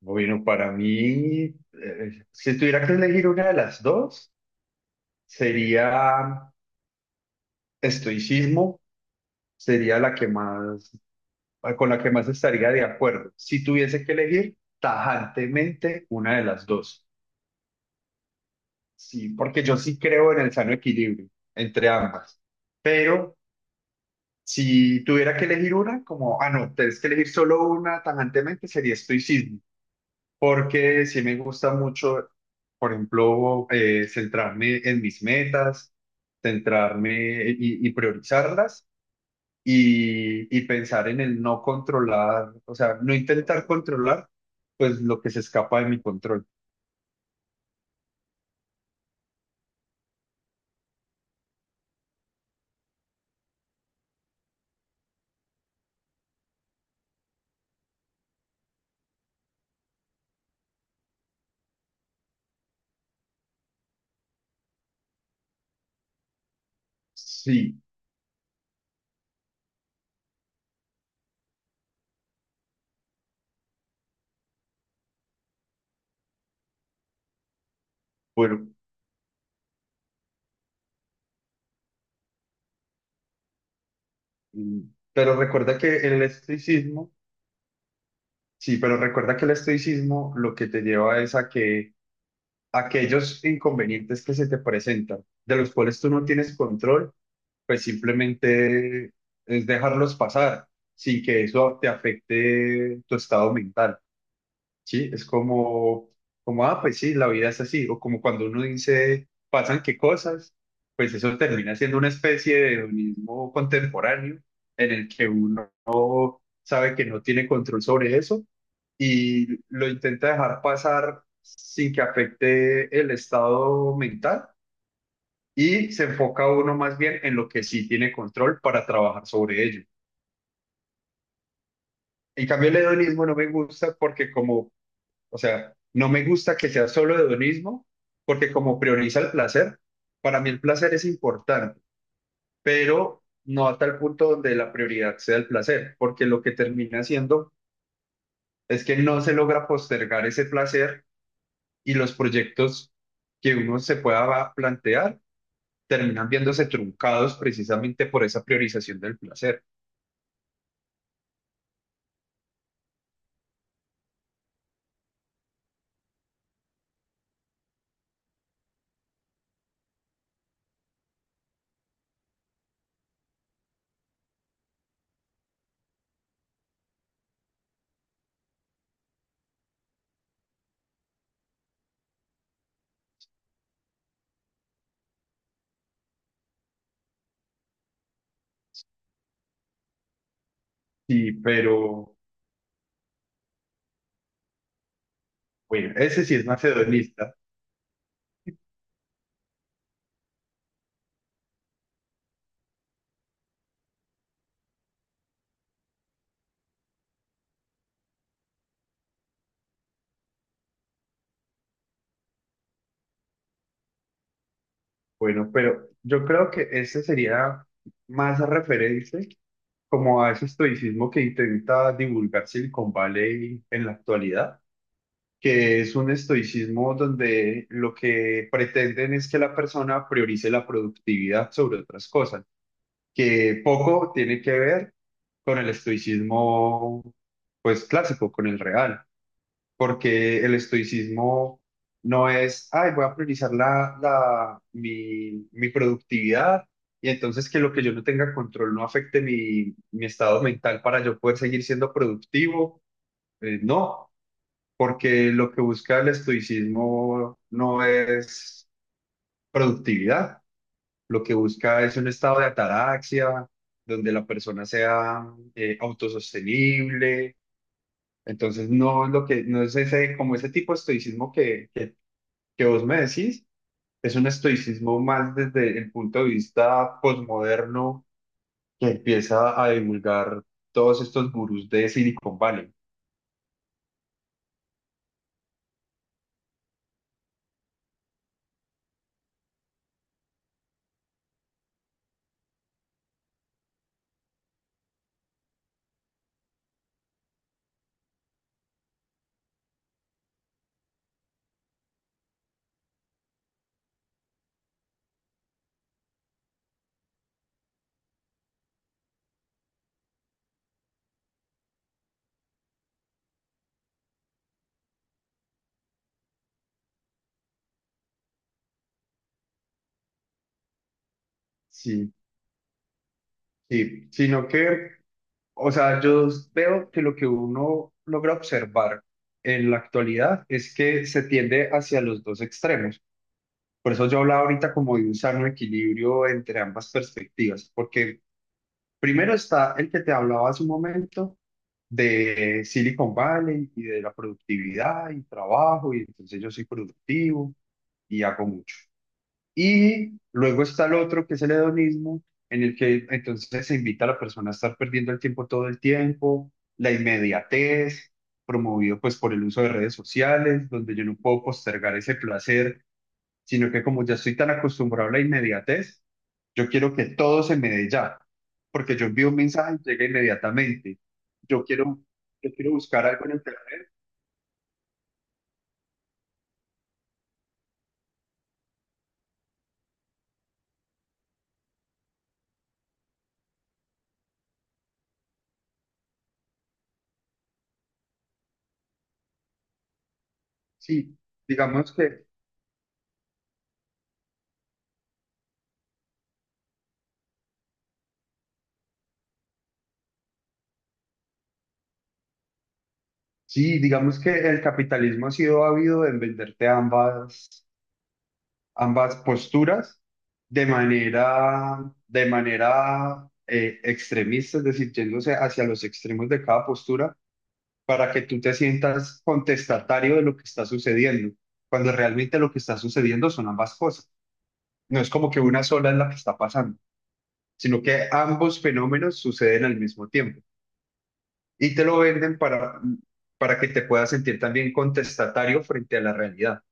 No, bueno, para mí, si tuviera que elegir una de las dos, sería estoicismo, sería la que más, con la que más estaría de acuerdo. Si tuviese que elegir tajantemente una de las dos, sí, porque yo sí creo en el sano equilibrio entre ambas. Pero si tuviera que elegir una, como, no, tienes que elegir solo una tajantemente, sería estoicismo. Porque sí me gusta mucho, por ejemplo, centrarme en mis metas, centrarme y priorizarlas y pensar en el no controlar, o sea, no intentar controlar, pues lo que se escapa de mi control. Sí, bueno, mm, pero recuerda que el estoicismo, sí, pero recuerda que el estoicismo lo que te lleva es a que aquellos inconvenientes que se te presentan, de los cuales tú no tienes control, pues simplemente es dejarlos pasar sin que eso te afecte tu estado mental, ¿sí? Es como, como, pues sí, la vida es así, o como cuando uno dice, pasan qué cosas, pues eso termina siendo una especie de hedonismo contemporáneo en el que uno sabe que no tiene control sobre eso y lo intenta dejar pasar sin que afecte el estado mental y se enfoca uno más bien en lo que sí tiene control para trabajar sobre ello. En cambio, el hedonismo no me gusta porque como, o sea, no me gusta que sea solo hedonismo porque como prioriza el placer, para mí el placer es importante, pero no a tal punto donde la prioridad sea el placer, porque lo que termina siendo es que no se logra postergar ese placer y los proyectos que uno se pueda plantear terminan viéndose truncados precisamente por esa priorización del placer. Sí, pero bueno, ese sí es macedonista. Bueno, pero yo creo que ese sería más referente como a ese estoicismo que intenta divulgar Silicon Valley en la actualidad, que es un estoicismo donde lo que pretenden es que la persona priorice la productividad sobre otras cosas, que poco tiene que ver con el estoicismo pues clásico, con el real porque el estoicismo no es, ay, voy a priorizar mi productividad y entonces que lo que yo no tenga control no afecte mi estado mental para yo poder seguir siendo productivo. No, porque lo que busca el estoicismo no es productividad, lo que busca es un estado de ataraxia, donde la persona sea autosostenible. Entonces, no es lo que, no es ese, como ese tipo de estoicismo que vos me decís es un estoicismo más desde el punto de vista posmoderno que empieza a divulgar todos estos gurús de Silicon Valley. Sí, sí, sino que, o sea, yo veo que lo que uno logra observar en la actualidad es que se tiende hacia los dos extremos. Por eso yo hablaba ahorita como de un sano equilibrio entre ambas perspectivas, porque primero está el que te hablaba hace un momento de Silicon Valley y de la productividad y trabajo, y entonces yo soy productivo y hago mucho. Y luego está el otro que es el hedonismo, en el que entonces se invita a la persona a estar perdiendo el tiempo todo el tiempo, la inmediatez, promovido pues por el uso de redes sociales, donde yo no puedo postergar ese placer, sino que como ya estoy tan acostumbrado a la inmediatez, yo quiero que todo se me dé ya, porque yo envío un mensaje y llega inmediatamente. Yo quiero, yo quiero buscar algo en internet. Sí, digamos que, sí, digamos que el capitalismo ha sido ávido en venderte ambas posturas de manera, de manera extremista, es decir, yéndose hacia los extremos de cada postura para que tú te sientas contestatario de lo que está sucediendo, cuando realmente lo que está sucediendo son ambas cosas. No es como que una sola es la que está pasando, sino que ambos fenómenos suceden al mismo tiempo y te lo venden para que te puedas sentir también contestatario frente a la realidad.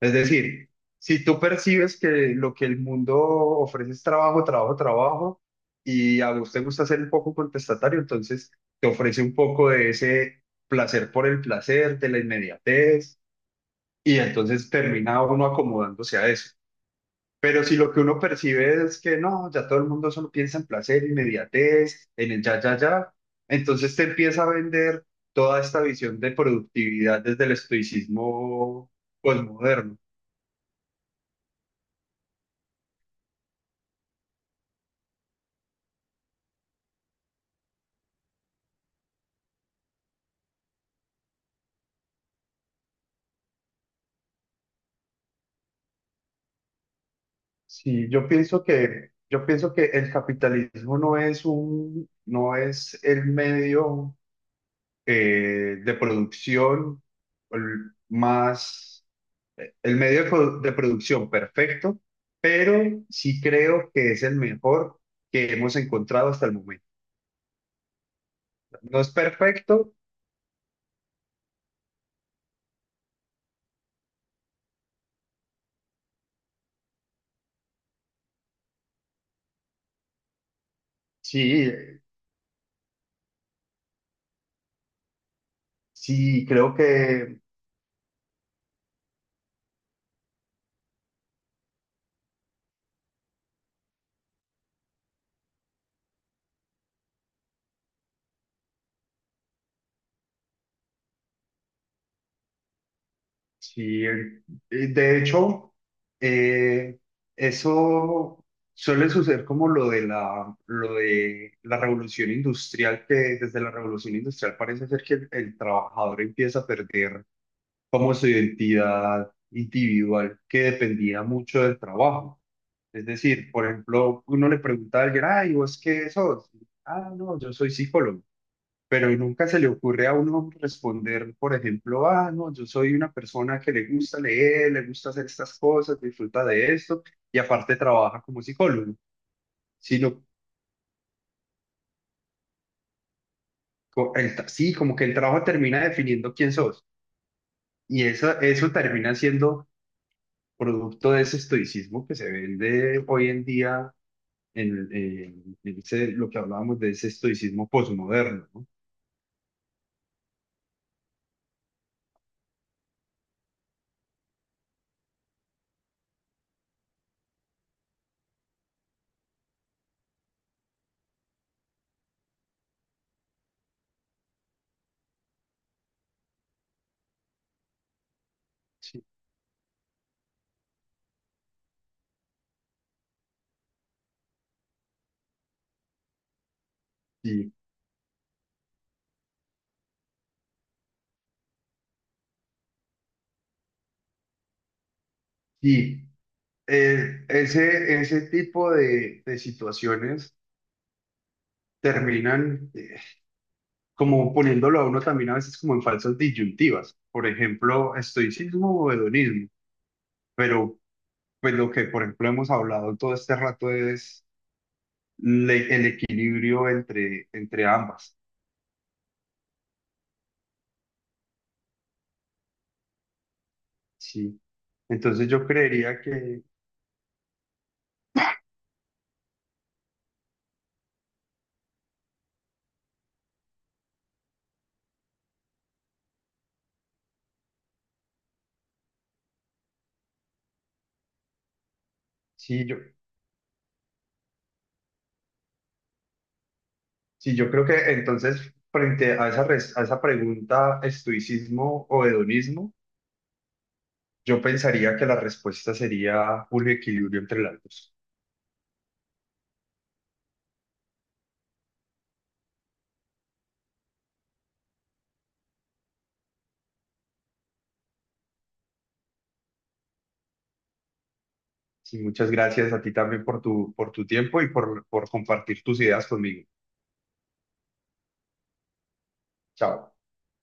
Es decir, si tú percibes que lo que el mundo ofrece es trabajo, trabajo, trabajo, y a vos te gusta ser un poco contestatario, entonces te ofrece un poco de ese placer por el placer, de la inmediatez, y entonces termina uno acomodándose a eso. Pero si lo que uno percibe es que no, ya todo el mundo solo piensa en placer, inmediatez, en el ya, ya, ya, entonces te empieza a vender toda esta visión de productividad desde el estoicismo posmoderno. Sí, yo pienso que el capitalismo no es un, no es el medio de producción el más... El medio de de producción perfecto, pero sí creo que es el mejor que hemos encontrado hasta el momento. No es perfecto, sí, sí, creo que sí. De hecho, eh, eso suele suceder como lo de la revolución industrial, que desde la revolución industrial parece ser que el trabajador empieza a perder como su identidad individual que dependía mucho del trabajo. Es decir, por ejemplo, uno le pregunta a alguien, ay, ¿vos qué sos? Ah, no, yo soy psicólogo. Pero nunca se le ocurre a uno responder, por ejemplo, ah, no, yo soy una persona que le gusta leer, le gusta hacer estas cosas, disfruta de esto y aparte trabaja como psicólogo. Sino, sí, como que el trabajo termina definiendo quién sos. Y eso termina siendo producto de ese estoicismo que se vende hoy en día en lo que hablábamos de ese estoicismo posmoderno, ¿no? Sí. Sí y, ese, ese tipo de situaciones terminan como poniéndolo a uno también a veces como en falsas disyuntivas. Por ejemplo, estoicismo o hedonismo. Pero pues lo que, por ejemplo, hemos hablado todo este rato es el equilibrio entre, entre ambas. Sí. Entonces yo creería que, sí, sí, yo creo que entonces frente a esa, a esa pregunta, estoicismo o hedonismo, yo pensaría que la respuesta sería un equilibrio entre las dos. Sí, muchas gracias a ti también por tu tiempo y por compartir tus ideas conmigo. Chao.